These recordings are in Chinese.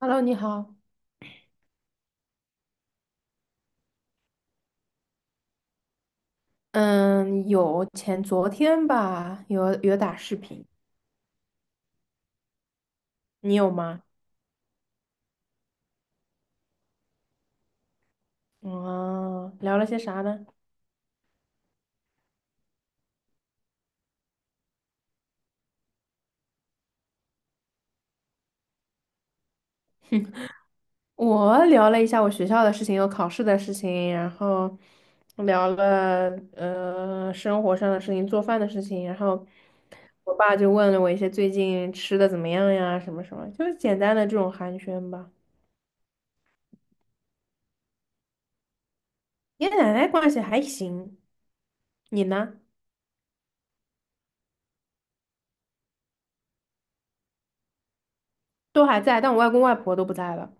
Hello，你好。嗯，有前昨天吧，有打视频，你有吗？嗯，聊了些啥呢？我聊了一下我学校的事情，有考试的事情，然后聊了生活上的事情，做饭的事情，然后我爸就问了我一些最近吃的怎么样呀，什么什么，就是简单的这种寒暄吧。爷爷奶奶关系还行，你呢？都还在，但我外公外婆都不在了，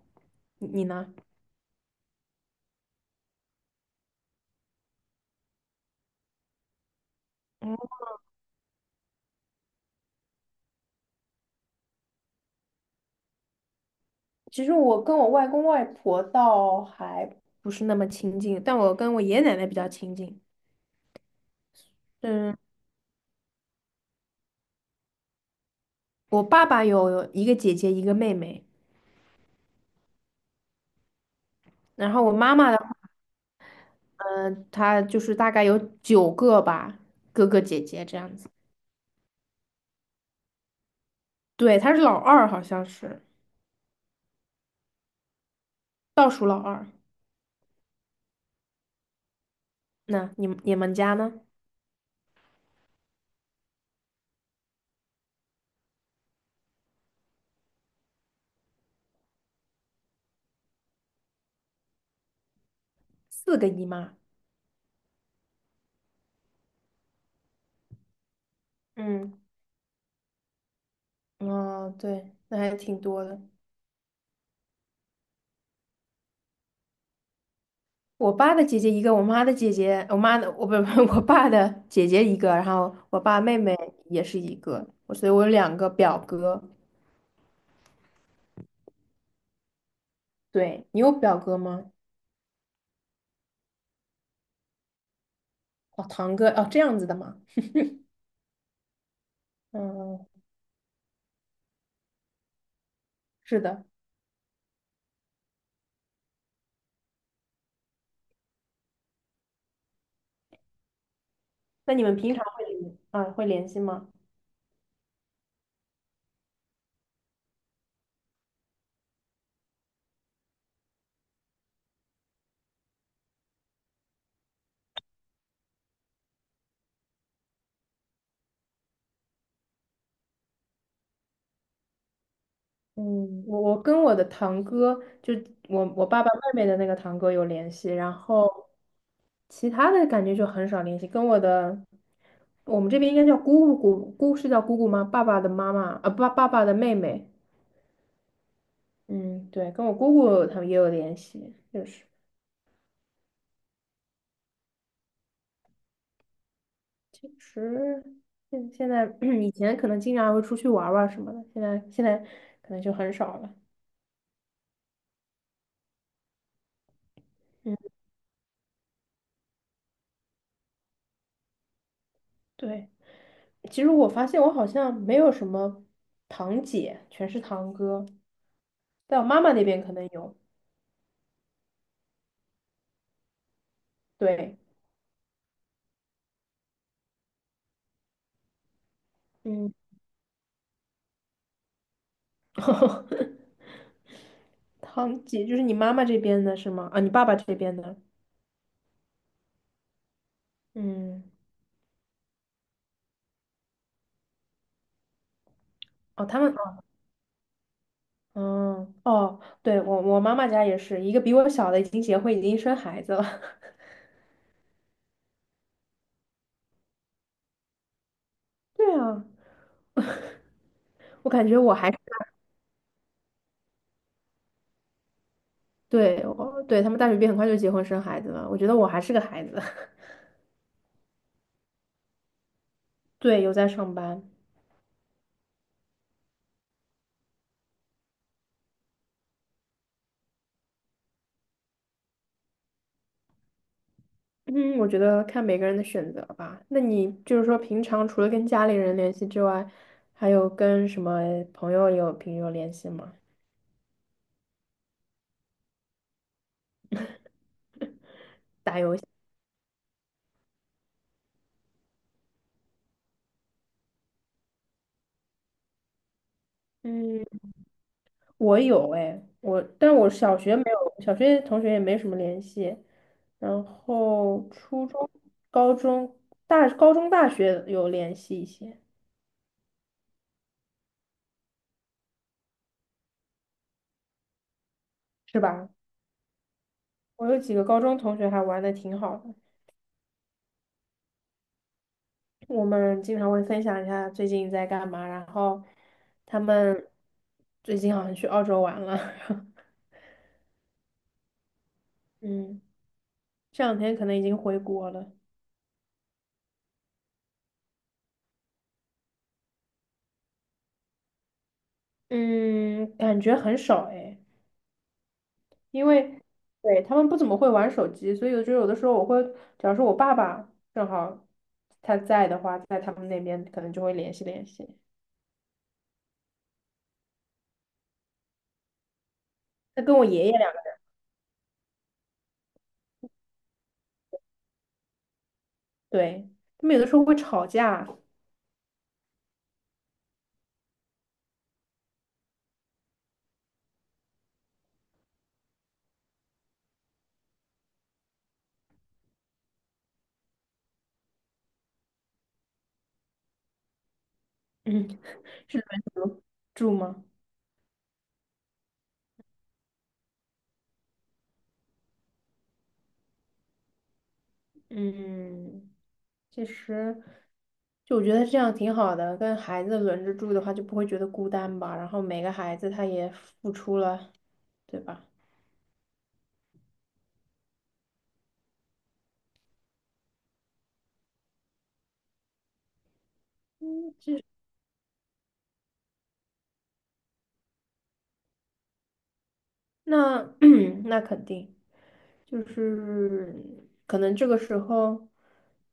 你呢？其实我跟我外公外婆倒还不是那么亲近，但我跟我爷爷奶奶比较亲近。嗯，我爸爸有一个姐姐，一个妹妹，然后我妈妈的话呢，她就是大概有九个吧，哥哥姐姐这样子。对，她是老二，好像是倒数老二。那你们家呢？四个姨妈。嗯，哦，对，那还挺多的。我爸的姐姐一个，我妈的姐姐，我妈的，我不不，我爸的姐姐一个，然后我爸妹妹也是一个，我所以我有两个表哥。对，你有表哥吗？哦，堂哥，哦，这样子的吗？嗯，是的。那你们平常会联系吗？嗯，我跟我的堂哥，就我爸爸妹妹的那个堂哥有联系，然后其他的感觉就很少联系。跟我的我们这边应该叫姑姑，姑是叫姑姑吗？爸爸的妈妈啊，爸爸的妹妹。嗯，对，跟我姑姑他们也有联系，就是，其实现在 以前可能经常会出去玩儿玩儿什么的，现在可能就很少了。对，其实我发现我好像没有什么堂姐，全是堂哥，在我妈妈那边可能有。对，嗯，堂姐就是你妈妈这边的是吗？啊，你爸爸这边的。嗯，哦，他们嗯，哦，对，我我妈妈家也是一个比我小的已经结婚，已经生孩子了。对啊，我感觉我还是对，我对他们大学毕业很快就结婚生孩子了，我觉得我还是个孩子。对，有在上班。嗯，我觉得看每个人的选择吧。那你就是说，平常除了跟家里人联系之外，还有跟什么朋友有平时有联系吗？嗯。我有哎，我，但我小学没有，小学同学也没什么联系。然后初中、高中、大高中、大学有联系一些，是吧？我有几个高中同学还玩的挺好的，我们经常会分享一下最近在干嘛，然后他们最近好像去澳洲玩了，嗯，这两天可能已经回国了，嗯，感觉很少哎。因为对他们不怎么会玩手机，所以我觉得有的时候我会，假如说我爸爸正好他在的话，在他们那边可能就会联系联系。他跟我爷爷两个，对，他们有的时候会吵架，嗯是轮流住吗？嗯，其实，就我觉得这样挺好的，跟孩子轮着住的话，就不会觉得孤单吧。然后每个孩子他也付出了，对吧？那 那肯定就是可能这个时候，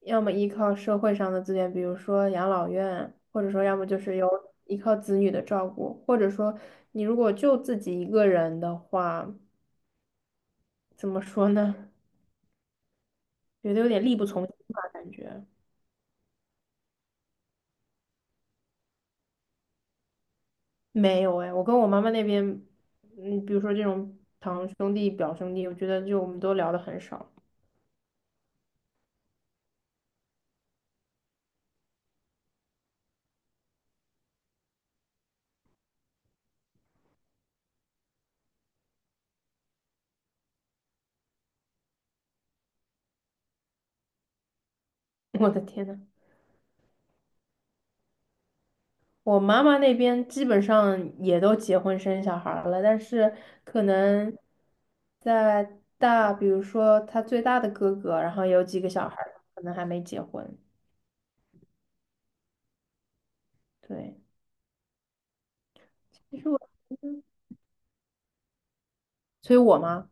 要么依靠社会上的资源，比如说养老院，或者说要么就是有依靠子女的照顾，或者说你如果就自己一个人的话，怎么说呢？觉得有点力不从心吧，感觉没有哎，我跟我妈妈那边，嗯，比如说这种堂兄弟、表兄弟，我觉得就我们都聊得很少。我的天呐！我妈妈那边基本上也都结婚生小孩儿了，但是可能在大，比如说她最大的哥哥，然后有几个小孩儿可能还没结婚。对，其实我催我妈，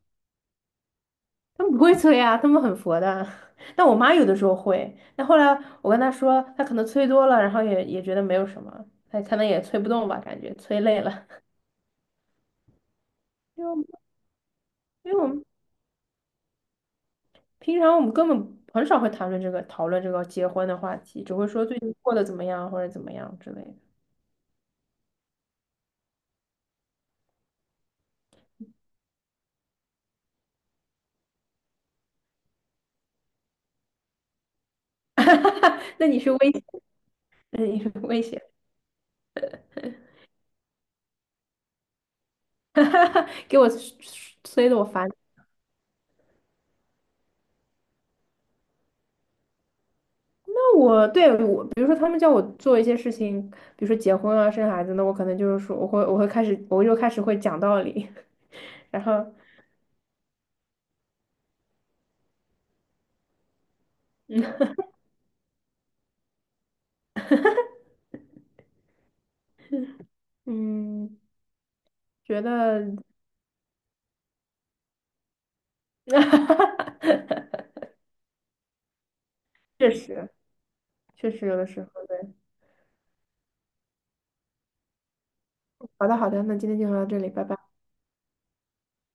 他们不会催啊，他们很佛的。但我妈有的时候会，但后来我跟她说，她可能催多了，然后也觉得没有什么，她可能也催不动吧，感觉催累了。因为我因为我们。平常我们根本很少会谈论这个讨论这个结婚的话题，只会说最近过得怎么样或者怎么样之类的。那你是威胁，那你是威胁，给我催的我烦。那我对我，比如说他们叫我做一些事情，比如说结婚啊、生孩子，那我可能就是说我会开始，我就开始会讲道理，然后嗯，觉得 确实确实有的时候对。好的好的，那今天就聊到这里，拜拜。